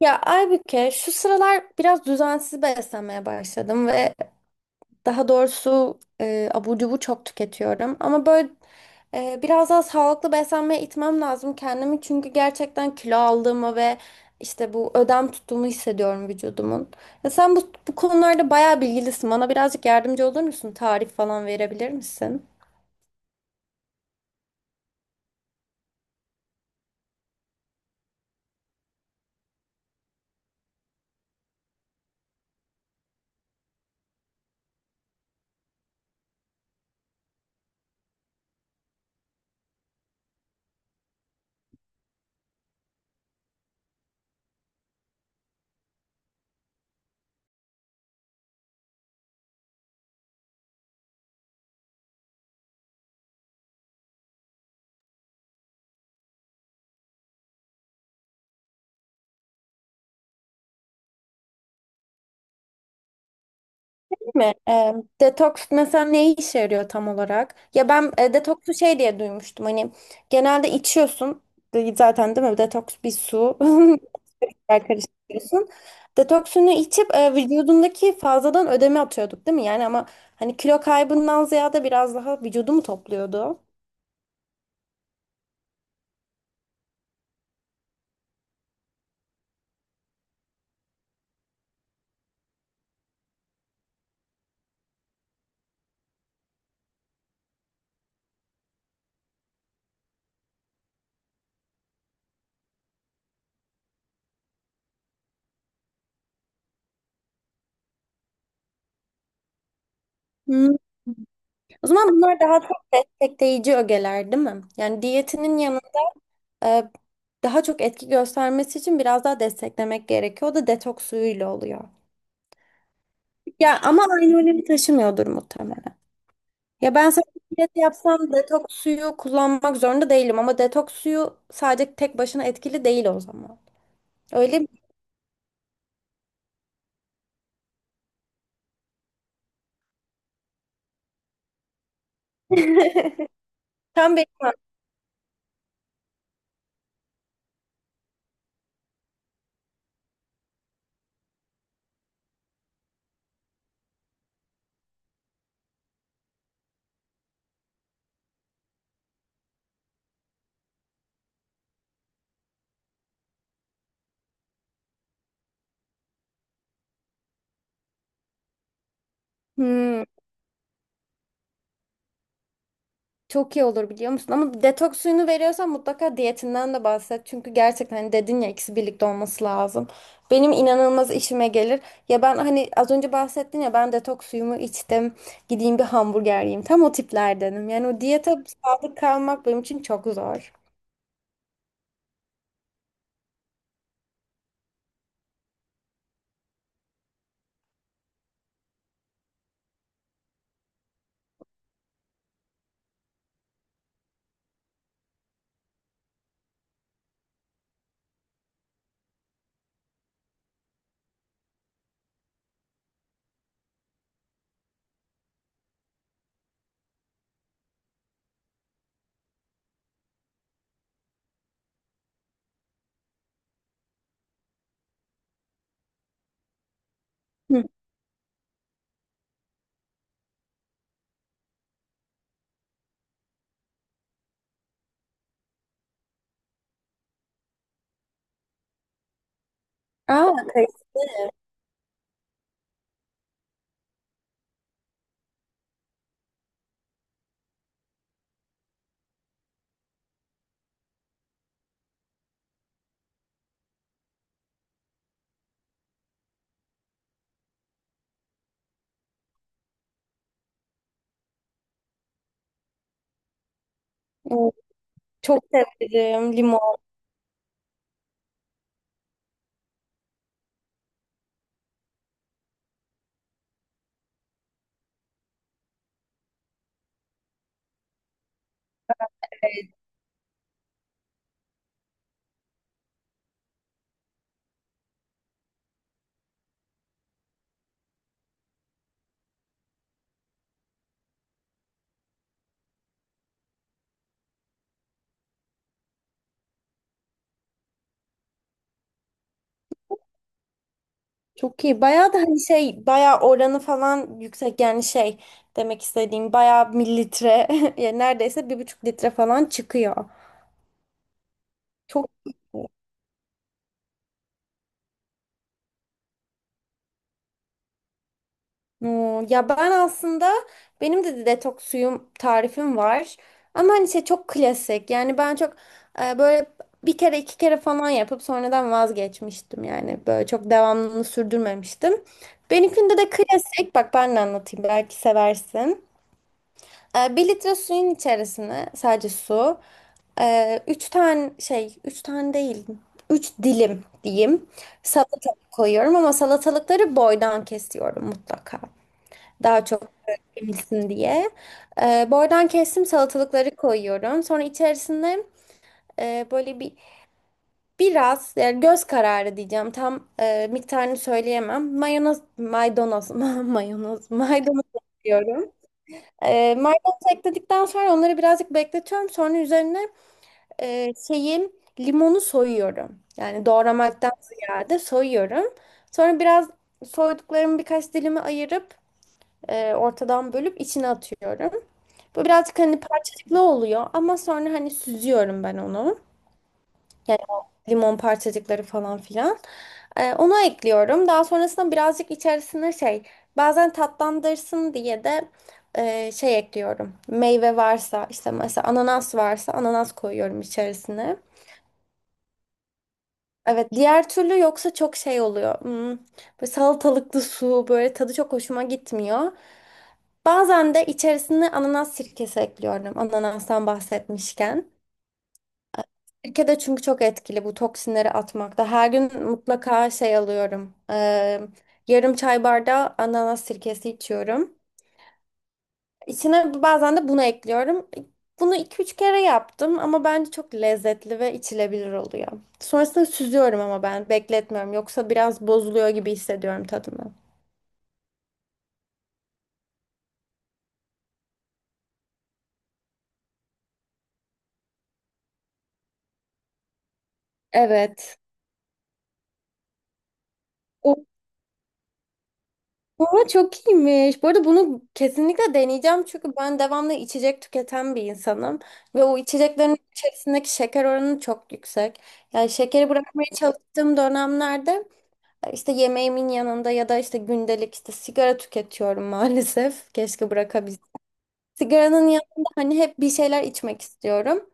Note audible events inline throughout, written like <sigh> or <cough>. Ya Aybüke, şu sıralar biraz düzensiz beslenmeye başladım ve daha doğrusu abur cubur çok tüketiyorum. Ama böyle biraz daha sağlıklı beslenmeye itmem lazım kendimi. Çünkü gerçekten kilo aldığımı ve işte bu ödem tuttuğumu hissediyorum vücudumun. Ya sen bu konularda bayağı bilgilisin. Bana birazcık yardımcı olur musun? Tarif falan verebilir misin? Mi? Detoks mesela ne işe yarıyor tam olarak? Ya ben detoksu şey diye duymuştum. Hani genelde içiyorsun zaten, değil mi? Detoks bir su. <laughs> Tekrar karıştırıyorsun. Detoksunu içip vücudundaki fazladan ödemi atıyorduk, değil mi? Yani ama hani kilo kaybından ziyade biraz daha vücudu mu topluyordu? Hmm. O zaman bunlar daha çok destekleyici ögeler, değil mi? Yani diyetinin yanı, e, daha çok etki göstermesi için biraz daha desteklemek gerekiyor. O da detoks suyuyla oluyor. Ya ama aynı önemi taşımıyordur muhtemelen. Ya ben sadece diyet yapsam detoks suyu kullanmak zorunda değilim, ama detoks suyu sadece tek başına etkili değil o zaman. Öyle mi? Tam benim. Hmm, çok iyi olur biliyor musun? Ama detoks suyunu veriyorsan mutlaka diyetinden de bahset. Çünkü gerçekten hani dedin ya, ikisi birlikte olması lazım. Benim inanılmaz işime gelir. Ya ben hani az önce bahsettin ya, ben detoks suyumu içtim. Gideyim bir hamburger yiyeyim. Tam o tiplerdenim. Yani o diyete sadık kalmak benim için çok zor. Aa, kayısı. Çok severim limon. Çok iyi. Bayağı da hani şey, bayağı oranı falan yüksek, yani şey demek istediğim bayağı mililitre <laughs> yani neredeyse bir buçuk litre falan çıkıyor. Çok iyi. Hmm, ya ben aslında benim de detoks suyum tarifim var. Ama hani şey, çok klasik. Yani ben çok böyle bir kere iki kere falan yapıp sonradan vazgeçmiştim. Yani böyle çok devamlılığını sürdürmemiştim. Benimkinde de klasik. Bak ben de anlatayım, belki seversin. 1 litre suyun içerisine sadece su. Üç tane değil, üç dilim diyeyim. Salatalık koyuyorum, ama salatalıkları boydan kesiyorum mutlaka. Daha çok emilsin diye. Boydan kestim, salatalıkları koyuyorum. Sonra içerisine böyle bir biraz, yani göz kararı diyeceğim. Tam miktarını söyleyemem. <laughs> Maydanoz koyuyorum. Maydanozu ekledikten sonra onları birazcık bekletiyorum. Sonra üzerine şeyi, limonu soyuyorum. Yani doğramaktan ziyade soyuyorum. Sonra biraz soyduklarımı birkaç dilime ayırıp ortadan bölüp içine atıyorum. Bu birazcık hani parçacıklı oluyor, ama sonra hani süzüyorum ben onu. Yani o limon parçacıkları falan filan. Onu ekliyorum. Daha sonrasında birazcık içerisine şey, bazen tatlandırsın diye de şey ekliyorum. Meyve varsa işte mesela ananas varsa ananas koyuyorum içerisine. Evet, diğer türlü yoksa çok şey oluyor. Hmm, böyle salatalıklı su böyle tadı çok hoşuma gitmiyor. Bazen de içerisine ananas sirkesi ekliyorum. Ananastan bahsetmişken. Sirke de çünkü çok etkili bu toksinleri atmakta. Her gün mutlaka şey alıyorum. Yarım çay bardağı ananas sirkesi içiyorum. İçine bazen de bunu ekliyorum. Bunu iki üç kere yaptım, ama bence çok lezzetli ve içilebilir oluyor. Sonrasında süzüyorum, ama ben bekletmiyorum. Yoksa biraz bozuluyor gibi hissediyorum tadını. Evet. Ama çok iyiymiş. Bu arada bunu kesinlikle deneyeceğim, çünkü ben devamlı içecek tüketen bir insanım ve o içeceklerin içerisindeki şeker oranı çok yüksek. Yani şekeri bırakmaya çalıştığım dönemlerde işte yemeğimin yanında ya da işte gündelik işte sigara tüketiyorum <laughs> maalesef. Keşke bırakabilsem. Sigaranın yanında hani hep bir şeyler içmek istiyorum.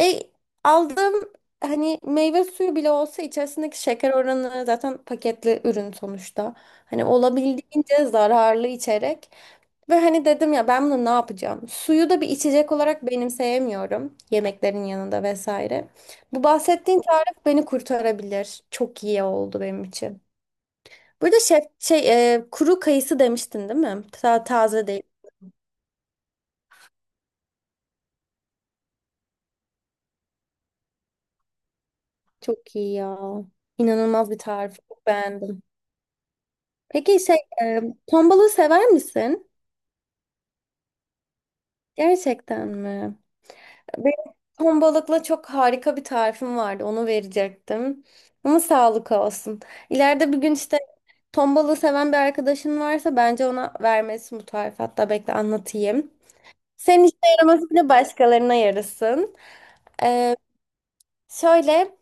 E, Aldığım hani meyve suyu bile olsa içerisindeki şeker oranı zaten paketli ürün sonuçta. Hani olabildiğince zararlı içerek ve hani dedim ya, ben bunu ne yapacağım? Suyu da bir içecek olarak benimseyemiyorum yemeklerin yanında vesaire. Bu bahsettiğin tarif beni kurtarabilir. Çok iyi oldu benim için. Burada şef şey, kuru kayısı demiştin değil mi? Ta taze değil. Çok iyi ya. İnanılmaz bir tarif. Çok beğendim. Peki şey, e, ton balığı sever misin? Gerçekten mi? Benim ton balıkla çok harika bir tarifim vardı. Onu verecektim. Ama sağlık olsun. İleride bir gün işte ton balığı seven bir arkadaşın varsa bence ona vermesin bu tarifi. Hatta bekle anlatayım. Senin işine yaraması bile başkalarına yarasın. E, şöyle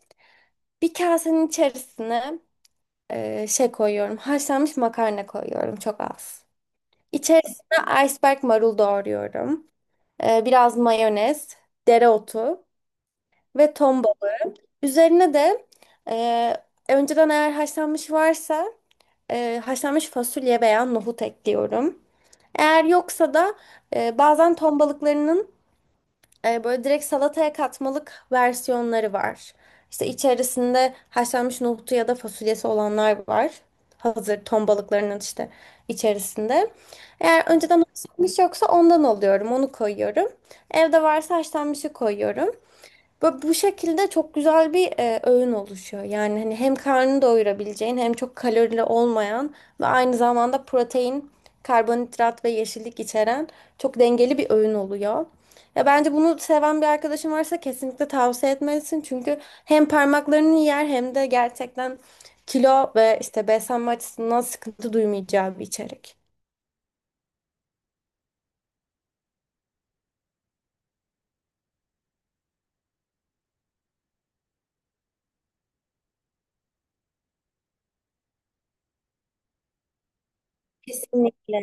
bir kasenin içerisine şey koyuyorum. Haşlanmış makarna koyuyorum. Çok az. İçerisine iceberg marul doğruyorum. Biraz mayonez, dereotu ve ton balığı. Üzerine de önceden eğer haşlanmış varsa haşlanmış fasulye veya nohut ekliyorum. Eğer yoksa da bazen ton balıklarının böyle direkt salataya katmalık versiyonları var. İşte içerisinde haşlanmış nohutu ya da fasulyesi olanlar var. Hazır ton balıklarının işte içerisinde. Eğer önceden haşlanmış yoksa ondan alıyorum, onu koyuyorum. Evde varsa haşlanmışı koyuyorum. Böyle bu şekilde çok güzel bir öğün oluşuyor. Yani hani hem karnını doyurabileceğin hem çok kalorili olmayan ve aynı zamanda protein, karbonhidrat ve yeşillik içeren çok dengeli bir öğün oluyor. Ya bence bunu seven bir arkadaşın varsa kesinlikle tavsiye etmelisin. Çünkü hem parmaklarını yer hem de gerçekten kilo ve işte beslenme açısından sıkıntı duymayacağı bir içerik. Kesinlikle.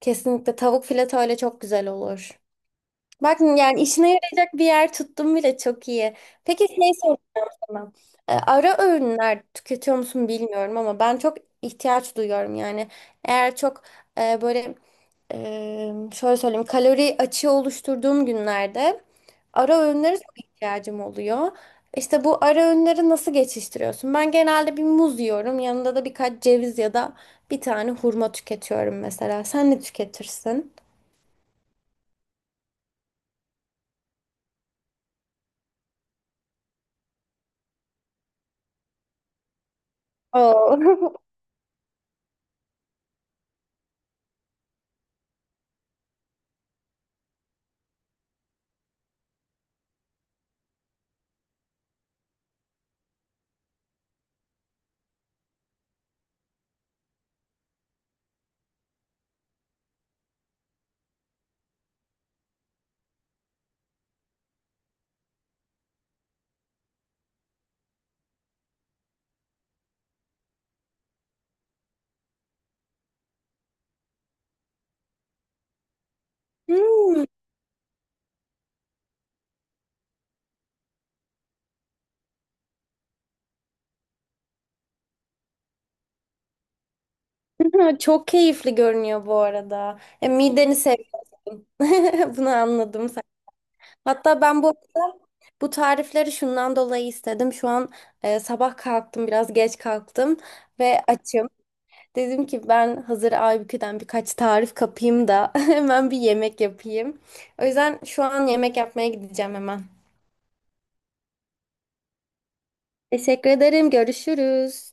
Kesinlikle tavuk fileto ile çok güzel olur. Bak yani işine yarayacak bir yer tuttum bile, çok iyi. Peki şey soracağım. Ben. Ara öğünler tüketiyor musun bilmiyorum ama ben çok ihtiyaç duyuyorum yani. Eğer çok böyle şöyle söyleyeyim, kalori açığı oluşturduğum günlerde ara öğünlere çok ihtiyacım oluyor. İşte bu ara öğünleri nasıl geçiştiriyorsun? Ben genelde bir muz yiyorum. Yanında da birkaç ceviz ya da bir tane hurma tüketiyorum mesela. Sen ne tüketirsin? Oo. <laughs> Hmm. Ha, çok keyifli görünüyor bu arada. Mideni seviyorsun. <laughs> Bunu anladım sen. Hatta ben bu arada bu tarifleri şundan dolayı istedim. Şu an sabah kalktım, biraz geç kalktım ve açım. Dedim ki ben hazır Aybükü'den birkaç tarif kapayım da <laughs> hemen bir yemek yapayım. O yüzden şu an yemek yapmaya gideceğim hemen. Teşekkür ederim. Görüşürüz.